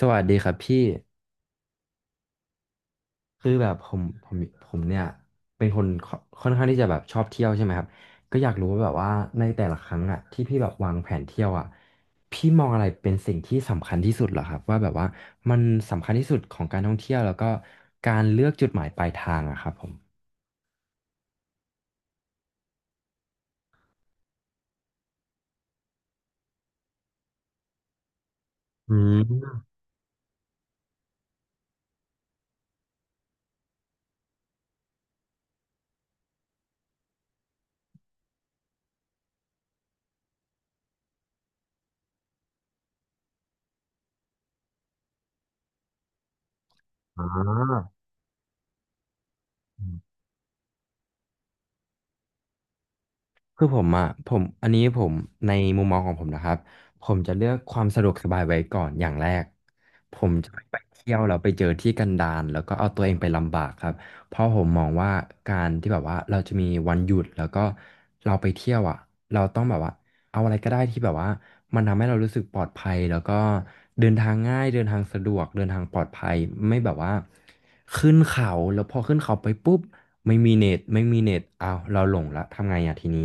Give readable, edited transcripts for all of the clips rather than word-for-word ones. สวัสดีครับพี่คือแบบผมผมเนี่ยเป็นคนค่อนข้างที่จะแบบชอบเที่ยวใช่ไหมครับก็อยากรู้ว่าแบบว่าในแต่ละครั้งอ่ะที่พี่แบบวางแผนเที่ยวอ่ะพี่มองอะไรเป็นสิ่งที่สำคัญที่สุดเหรอครับว่าแบบว่ามันสำคัญที่สุดของการท่องเที่ยวแล้วก็การเลือกจุดหมายปลายทางอะครับผมอืม คือผมอ่ะผมอันนี้ผมในมุมมองของผมนะครับผมจะเลือกความสะดวกสบายไว้ก่อนอย่างแรกผมจะไม่ไปเที่ยวแล้วไปเจอที่กันดารแล้วก็เอาตัวเองไปลำบากครับเพราะผมมองว่าการที่แบบว่าเราจะมีวันหยุดแล้วก็เราไปเที่ยวอ่ะเราต้องแบบว่าเอาอะไรก็ได้ที่แบบว่ามันทำให้เรารู้สึกปลอดภัยแล้วก็เดินทางง่ายเดินทางสะดวกเดินทางปลอดภัยไม่แบบว่าขึ้นเขาแล้วพอขึ้นเขาไปปุ๊บไม่มีเน็ตอ้าวเราหลงละทำไงอ่ะทีนี้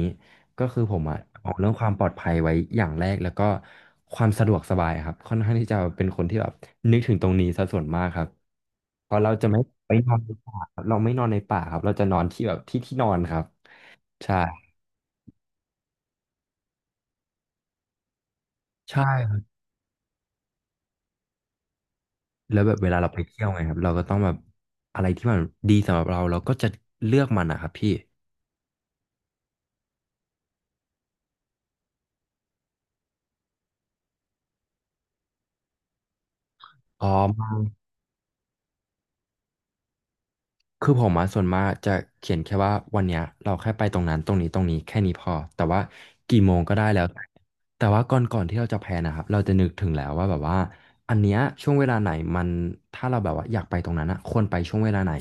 ก็คือผมอะเอาเรื่องความปลอดภัยไว้อย่างแรกแล้วก็ความสะดวกสบายครับค่อนข้างที่จะเป็นคนที่แบบนึกถึงตรงนี้ซะส่วนมากครับเพราะเราจะไม่ไปนอนในป่าครับเราไม่นอนในป่าครับเราจะนอนที่แบบที่นอนครับใช่ใช่ครับแล้วแบบเวลาเราไปเที่ยวไงครับเราก็ต้องแบบอะไรที่มันดีสำหรับเราเราก็จะเลือกมันนะครับพี่อ๋อ คือผมมาส่วนมากจะเขียนแค่ว่าวันเนี้ยเราแค่ไปตรงนั้นตรงนี้แค่นี้พอแต่ว่ากี่โมงก็ได้แล้วแต่ว่าก่อนที่เราจะแพลนนะครับเราจะนึกถึงแล้วว่าแบบว่าอันเนี้ยช่วงเวลาไหนมันถ้าเราแบบว่าอยากไปตรงนั้นอะควรไปช่วงเวลาไหน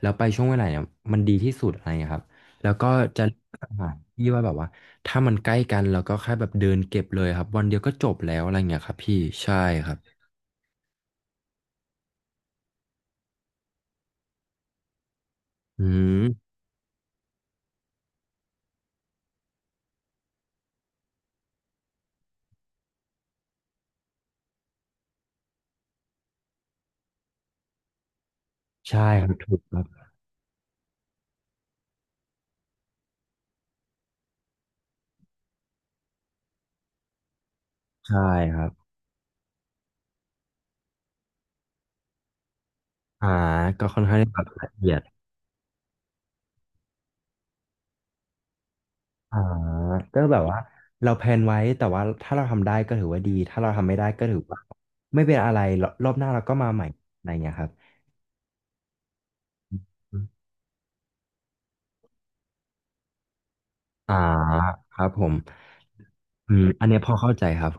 แล้วไปช่วงเวลาเนี่ยมันดีที่สุดอะไรอย่างเงี้ยครับแล้วก็จะสถานที่ว่าแบบว่าถ้ามันใกล้กันเราก็แค่แบบเดินเก็บเลยครับวันเดียวก็จบแล้วอะไรเงี้ยครับพี่ใช่ครับอืมใช่ครับถูกครับใช่ครับ อ่าก็ค่อนข้างที่แบบละเอียดอ่าก็แบบว่าเราแพลนไว้แต่ว่าถ้าเราทำได้ก็ถือว่าดีถ้าเราทำไม่ได้ก็ถือว่าไม่เป็นอะไรรรอบหน้าเราก็มาใหม่อะไรเงี้ยครับอ่าครับผมอืมอันเนี้ยพอเข้าใจครับ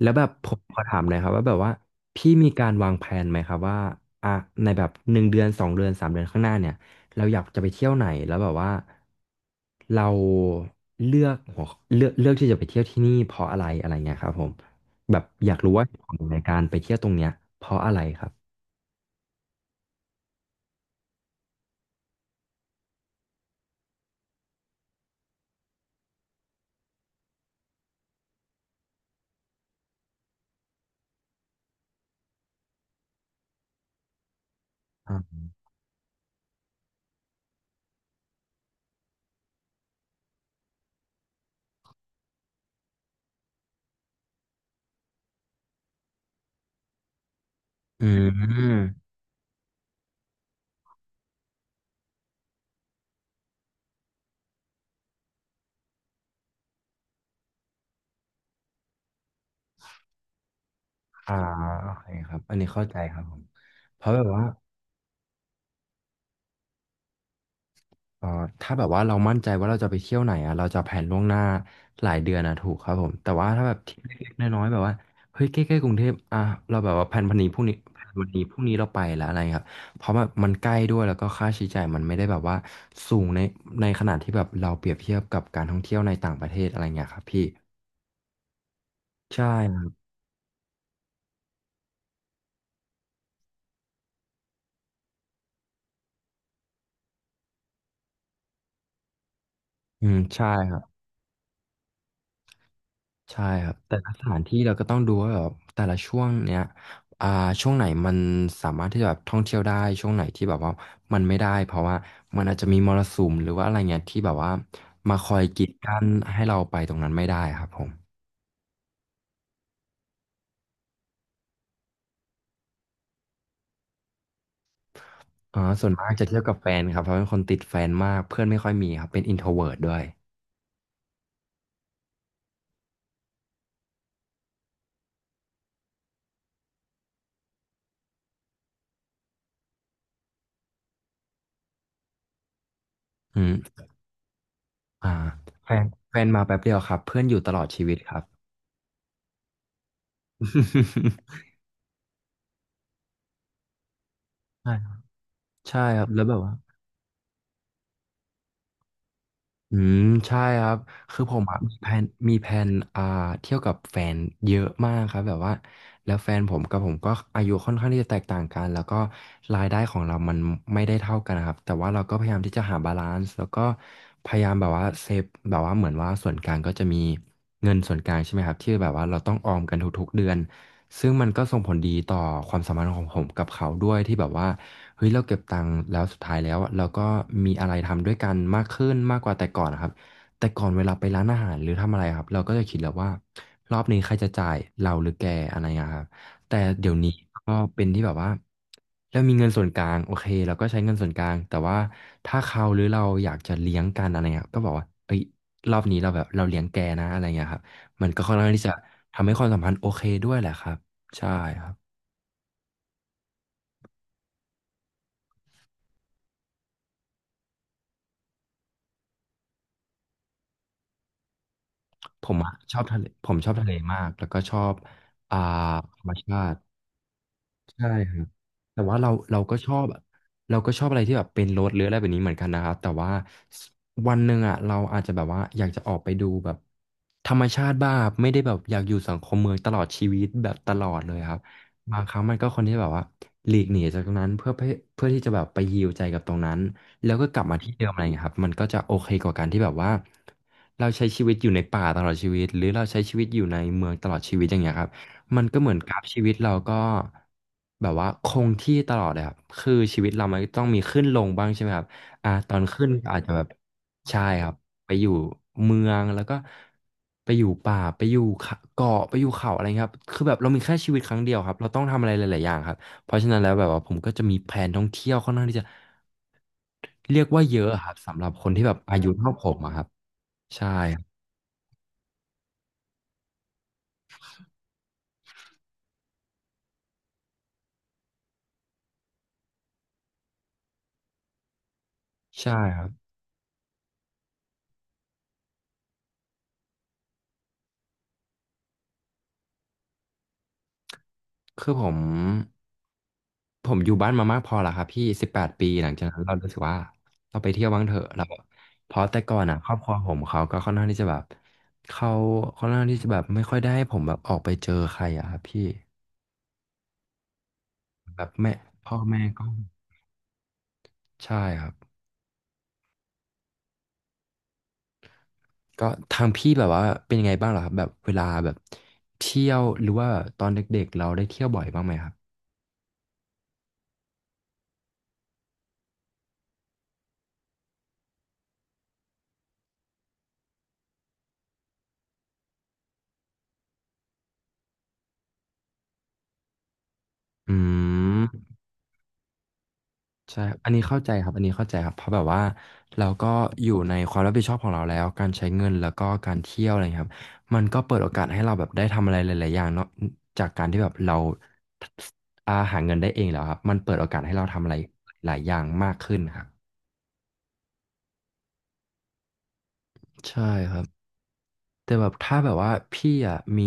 แล้วแบบผมขอถามหน่อยครับว่าแบบว่าพี่มีการวางแผนไหมครับว่าอ่ะในแบบหนึ่งเดือนสองเดือนสามเดือนข้างหน้าเนี่ยเราอยากจะไปเที่ยวไหนแล้วแบบว่าเราเลือกหัวเลือกที่จะไปเที่ยวที่นี่เพราะอะไรอะไรเงี้ยครับผมแบบอยากรู้ว่าเหตุผลในการไปเที่ยวตรงเนี้ยเพราะอะไรครับอ่าอืมอ่าโอเคครับอันนี้เข้าใจครับผมเพราะแบบว่า เอ่อถ้าแบบว่าเรามั่นใจว่าเราจะไปเที่ยวไหนอ่ะเราจะแผนล่วงหน้าหลายเดือนนะถูกครับผมแต่ว่าถ้าแบบที่เล็กๆน้อยๆแบบว่าเฮ้ยใกล้ๆกรุงเทพอ่ะเราแบบว่าแผนพันนี้พรุ่งนี้แผนวันนี้พรุ่งนี้เราไปแล้วอะไรครับเพราะแบบมันใกล้ด้วยแล้วก็ค่าใช้จ่ายมันไม่ได้แบบว่าสูงในขนาดที่แบบเราเปรียบเทียบกับการท่องเที่ยวในต่างประเทศอะไรเงี้ยครับพี่ใช่ครับอืมใช่ครับ ใช่ครับแต่ละสถานที่เราก็ต้องดูว่าแบบแต่ละช่วงเนี้ยอ่าช่วงไหนมันสามารถที่จะแบบท่องเที่ยวได้ช่วงไหนที่แบบว่ามันไม่ได้เพราะว่ามันอาจจะมีมรสุมหรือว่าอะไรเงี้ยที่แบบว่ามาคอยกีดกันให้เราไปตรงนั้นไม่ได้ครับผมอ่าส่วนมากจะเที่ยวกับแฟนครับเพราะเป็นคนติดแฟนมากเพื่อนไม่ค่อยมีครับเป็นอินโทรเวิร์ด้วยอืมอ่าแฟนมาแป๊บเดียวครับเพื่อนอยู่ตลอดชีวิตครับ ใช่ครับใช่ครับแล้วแบบว่า อืมใช่ครับคือผมอะมีแผนอ่าเที่ยวกับแฟนเยอะมากครับแบบว่าแล้วแฟนผมกับผมก็อายุค่อนข้างที่จะแตกต่างกันแล้วก็รายได้ของเรามันไม่ได้เท่ากันนะครับแต่ว่าเราก็พยายามที่จะหาบาลานซ์แล้วก็พยายามแบบว่าเซฟแบบว่าเหมือนว่าส่วนกลางก็จะมี เงินส่วนกลางใช่ไหมครับที่แบบว่าเราต้องออมกันทุกๆเดือนซึ่งมันก็ส่งผลดีต่อความสัมพันธ์ของผมกับเขาด้วยที่แบบว่าเฮ้ยเราเก็บตังค์แล้วสุดท้ายแล้วอะเราก็มีอะไรทำด้วยกันมากขึ้นมากกว่าแต่ก่อนนะครับแต่ก่อนเวลาไปร้านอาหารหรือทำอะไรครับเราก็จะคิดแล้วว่ารอบนี้ใครจะจ่ายเราหรือแกอะไรอย่างเงี้ยครับ แต่เดี๋ยวนี้ก็เป็นที่แบบว่าเรามีเงินส่วนกลางโอเคเราก็ใช้เงินส่วนกลางแต่ว่าถ้าเขาหรือเราอยากจะเลี้ยงกันอะไรเงี้ยก็บอกว่าเอ้ยรอบนี้เราแบบเราเลี้ยงแกนะอะไรเงี้ยครับมันก็ค่อนข้างที่จะทำให้ความสัมพันธ์โอเคด้วยแหละครับใช่ครับผมอะชอบทะเลผมชอบทะเลมากแล้วก็ชอบอ่าธรรมชาติใช่ครับ แต่ว่าเราก็ชอบแบบเราก็ชอบอะไรที่แบบเป็นรถหรืออะไรแบบนี้เหมือนกันนะครับแต่ว่าวันหนึ่งอ่ะเราอาจจะแบบว่าอยากจะออกไปดูแบบธรรมชาติบ้างครับไม่ได้แบบอยากอยู่สังคมเมืองตลอดชีวิตแบบตลอดเลยครับบางครั้งมันก็คนที่แบบว่าหลีกหนีจากตรงนั้นเพื่อที่จะแบบไปฮีลใจกับตรงนั้นแล้วก็กลับมาที่เดิมอะไรอย่างเงี้ยครับมันก็จะโอเคกว่าการที่แบบว่าเราใช้ชีวิตอยู่ในป่าตลอดชีวิตหรือเราใช้ชีวิตอยู่ในเมืองตลอดชีวิตอย่างเงี้ยครับ มันก็เหมือนกราฟชีวิตเราก็แบบว่าคงที่ตลอดเลยครับคือชีวิตเรามันก็ต้องมีขึ้นลงบ้างใช่ไหมครับอ่าตอนขึ้นก็อาจจะแบบใช่ครับไปอยู่เมืองแล้วก็ไปอยู่ป่าไปอยู่เขาเกาะไปอยู่เขาอะไรเงี้ยครับคือแบบเรามีแค่ชีวิตครั้งเดียวครับเราต้องทำอะไรหลายๆอย่างครับเพราะฉะนั้นแล้วแบบว่าผมก็จะมีแผนท่องเที่ยวค่อนข้างที่จะเรียกว่าเยอะครับสำหรับคนที่แบบอายุเท่าผมอะครับใช่ครับใช่ครับคือผมอยู่บ้านมามากพอแล้วครับพี่18 ปีหลังจากนั้นเรารู้สึกว่าเราไปเที่ยวบ้างเถอะเราแบบเพราะแต่ก่อนอ่ะครอบครัวผมเขาก็ค่อนข้างที่จะแบบเขาค่อนข้างที่จะแบบไม่ค่อยได้ให้ผมแบบออกไปเจอใครอ่ะครับพี่แบบแม่พ่อแม่ก็ใช่ครับก็ทางพี่แบบว่าเป็นยังไงบ้างเหรอครับแบบเวลาแบบเที่ยวหรือว่าตอนเด็กๆเราได้เที่ยวบ่อยบ้างไหมครับอืม ใช่ครับอันนี้เข้าใจครับอันนี้เข้าใจครับ เพราะแบบว่าเราก็อยู่ในความรับผิดชอบของเราแล้ว การใช้เงินแล้วก็การเที่ยวอะไรอย่างเงี้ยครับมันก็เปิดโอกาสให้เราแบบได้ทำอะไรหลายๆอย่างเนาะจากการที่แบบเราอาหาเงินได้เองแล้วครับมันเปิดโอกาสให้เราทำอะไรหลายอย่างมากขึ้นครับใช่ครับ แต่แบบถ้าแบบว่าพี่อ่ะมี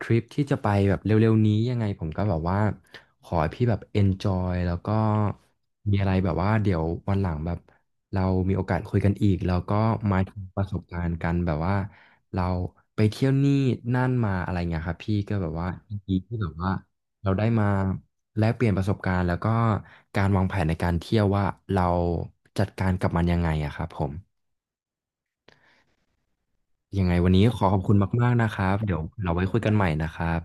ทริปที่จะไปแบบเร็วๆนี้ยังไงผมก็แบบว่าขอให้พี่แบบ enjoy แล้วก็มีอะไรแบบว่าเดี๋ยววันหลังแบบเรามีโอกาสคุยกันอีกแล้วก็มาถึงประสบการณ์กันแบบว่าเราไปเที่ยวนี่นั่นมาอะไรเงี้ยครับพี่ก็แบบว่ายินดีที่แบบว่าเราได้มาแลกเปลี่ยนประสบการณ์แล้วก็การวางแผนในการเที่ยวว่าเราจัดการกับมันยังไงอะครับผม ยังไงวันนี้ขอบคุณมากๆนะครับเดี๋ยวเราไว้คุยกันใหม่นะครับ